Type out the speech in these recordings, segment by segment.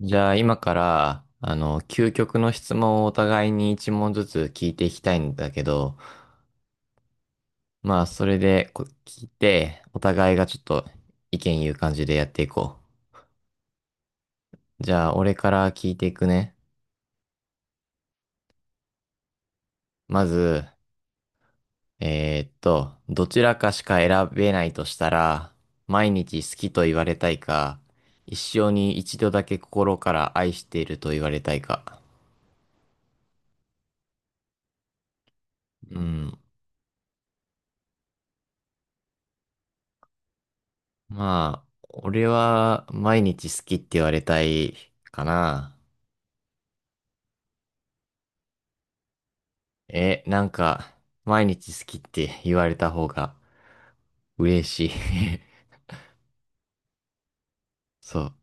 じゃあ今から、究極の質問をお互いに一問ずつ聞いていきたいんだけど、まあそれで聞いて、お互いがちょっと意見言う感じでやっていこう。じゃあ俺から聞いていくね。まず、どちらかしか選べないとしたら、毎日好きと言われたいか、一生に一度だけ心から愛していると言われたいか。うん。まあ、俺は毎日好きって言われたいかな。なんか、毎日好きって言われた方が嬉しい。 そう。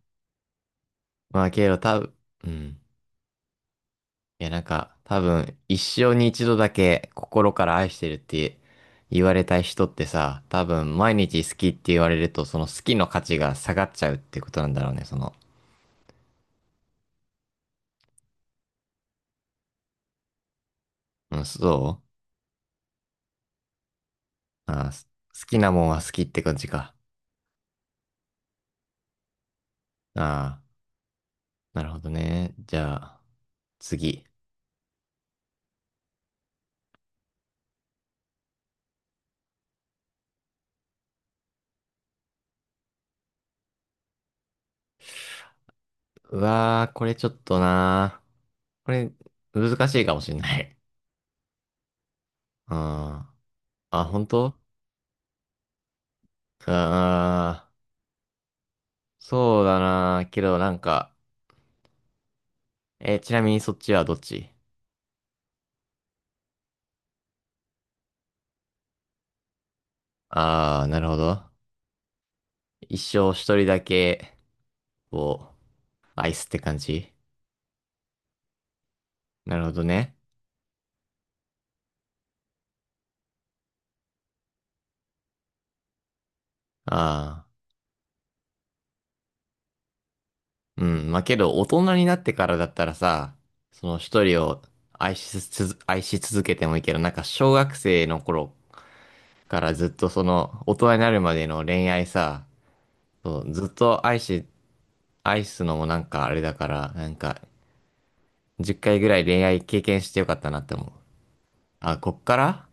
まあけど多分、うん。いやなんか、多分、一生に一度だけ心から愛してるって言われたい人ってさ、多分、毎日好きって言われると、その好きの価値が下がっちゃうってことなんだろうね。うん、そう。ああ、好きなもんは好きって感じか。ああ、なるほどね。じゃあ。次。うわー、これちょっとなー。これ、難しいかもしんない。うん。あ、本当あそうだなー。けど、なんか、ちなみにそっちはどっち？あー、なるほど。一生一人だけ、を愛すって感じ？なるほどね。あー、うん。まあ、けど、大人になってからだったらさ、その一人を愛しつつ、愛し続けてもいいけど、なんか、小学生の頃からずっとその、大人になるまでの恋愛さ、そう、ずっと愛すのもなんかあれだから、なんか、10回ぐらい恋愛経験してよかったなって思う。あ、こっから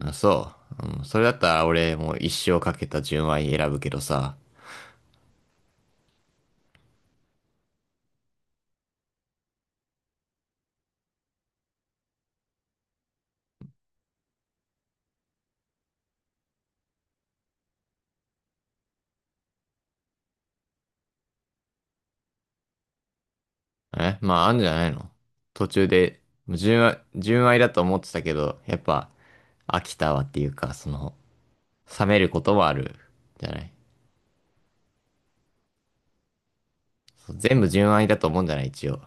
そう。うん、それだったら俺もう一生かけた純愛選ぶけどさ。まあ、あんじゃないの？途中で、もう純愛だと思ってたけど、やっぱ、飽きたわっていうか、その、冷めることもある、じゃない。そう全部純愛だと思うんじゃない一応。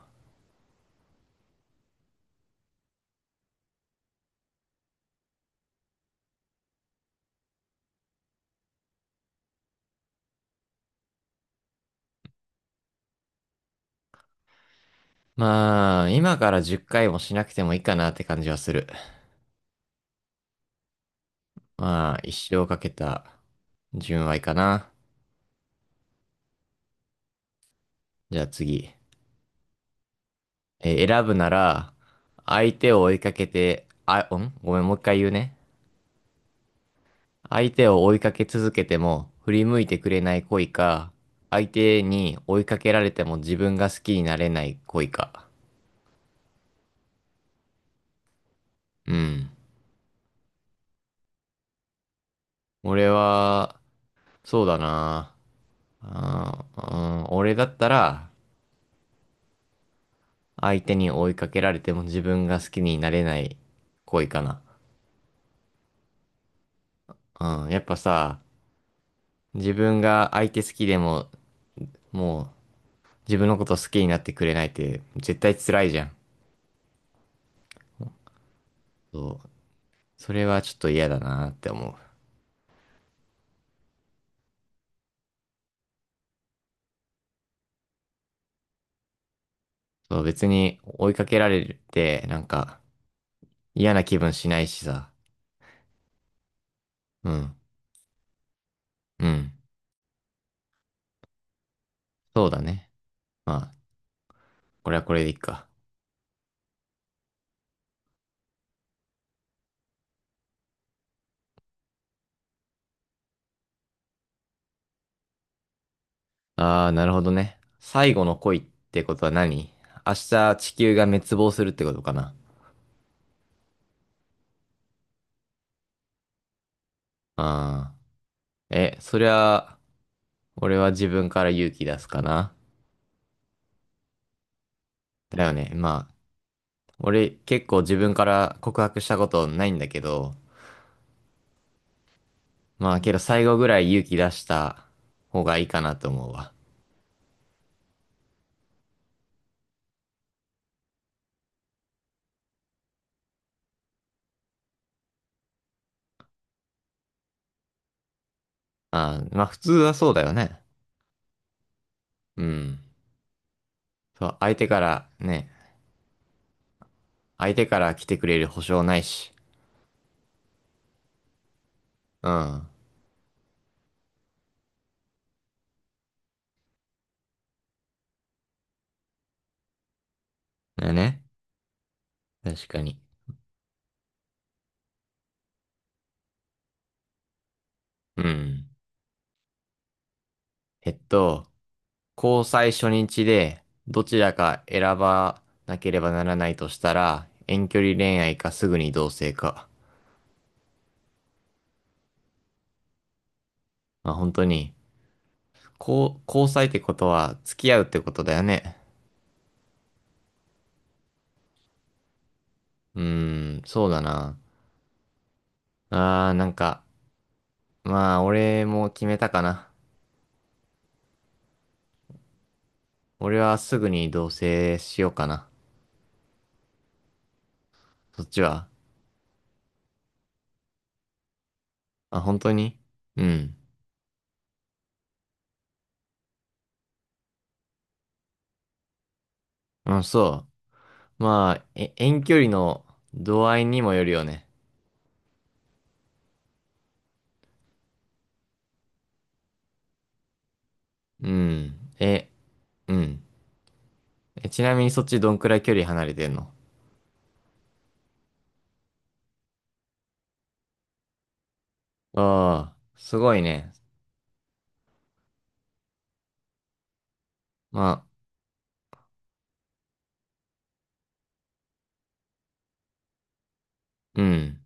まあ、今から10回もしなくてもいいかなって感じはする。まあ、一生かけた純愛かな。じゃあ次。選ぶなら、相手を追いかけて、ごめん、もう一回言うね。相手を追いかけ続けても振り向いてくれない恋か、相手に追いかけられても自分が好きになれない恋か。うん。俺は、そうだな。うん、俺だったら、相手に追いかけられても自分が好きになれない恋かな。うん、やっぱさ、自分が相手好きでも、もう自分のこと好きになってくれないって絶対辛いじゃん。そう。それはちょっと嫌だなって思う。そう、別に追いかけられて、なんか嫌な気分しないしさ。うん、うん。そうだね。まあ、これはこれでいいか。ああ、なるほどね。最後の恋ってことは何？明日地球が滅亡するってことかな？ああ。そりゃ、俺は自分から勇気出すかな。だよね。まあ、俺結構自分から告白したことないんだけど、まあけど最後ぐらい勇気出した方がいいかなと思うわ。ああ、まあ普通はそうだよね。うん。そう、相手から来てくれる保証ないし。うん。だよね。確かに。うん。えっと、交際初日でどちらか選ばなければならないとしたら、遠距離恋愛かすぐに同棲か。まあ本当に、交際ってことは付き合うってことだよね。うーん、そうだな。なんか、まあ俺も決めたかな。俺はすぐに同棲しようかな。そっちは？まあ、本当にうん。うん、そう。まあ、遠距離の度合いにもよるよね。うん。うん。ちなみにそっちどんくらい距離離れてんの？ああ、すごいね。まあ、うん。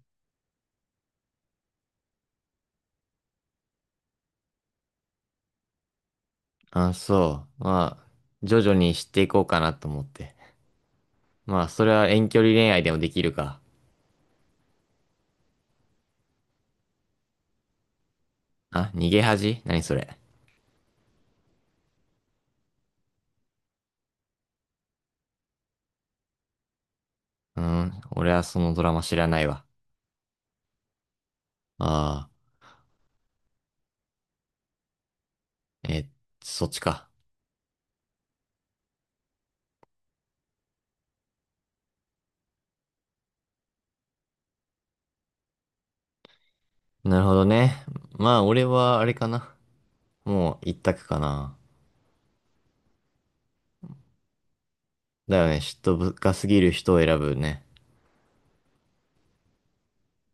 あ、そう。まあ、徐々に知っていこうかなと思って。まあ、それは遠距離恋愛でもできるか。あ、逃げ恥何それ？うん、俺はそのドラマ知らないわ。ああ、え、そっちか。なるほどね。まあ、俺はあれかな。もう一択かな。だよね、嫉妬深すぎる人を選ぶね。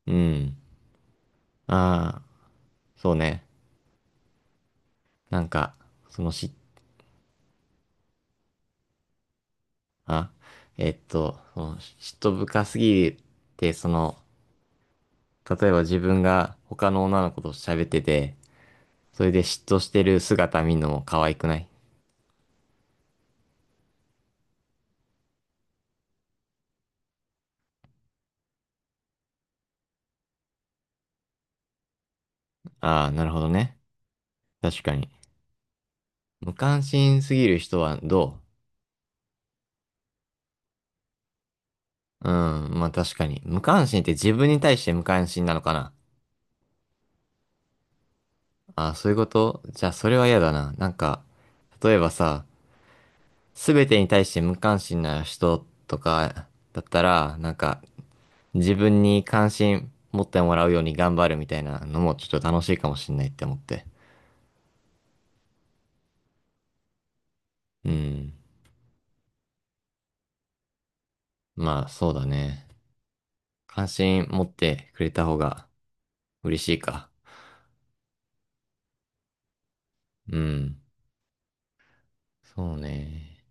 うん。ああ、そうね。なんか、その嫉あ、えっと、その嫉妬深すぎて、その、例えば自分が他の女の子と喋ってて、それで嫉妬してる姿見るのも可愛くない？ああ、なるほどね。確かに。無関心すぎる人はどう？うん、まあ確かに。無関心って自分に対して無関心なのかな？ああ、そういうこと？じゃあそれは嫌だな。なんか、例えばさ、すべてに対して無関心な人とかだったら、なんか、自分に関心持ってもらうように頑張るみたいなのもちょっと楽しいかもしんないって思って。うん。まあそうだね。関心持ってくれた方が嬉しいか。うん。そうね。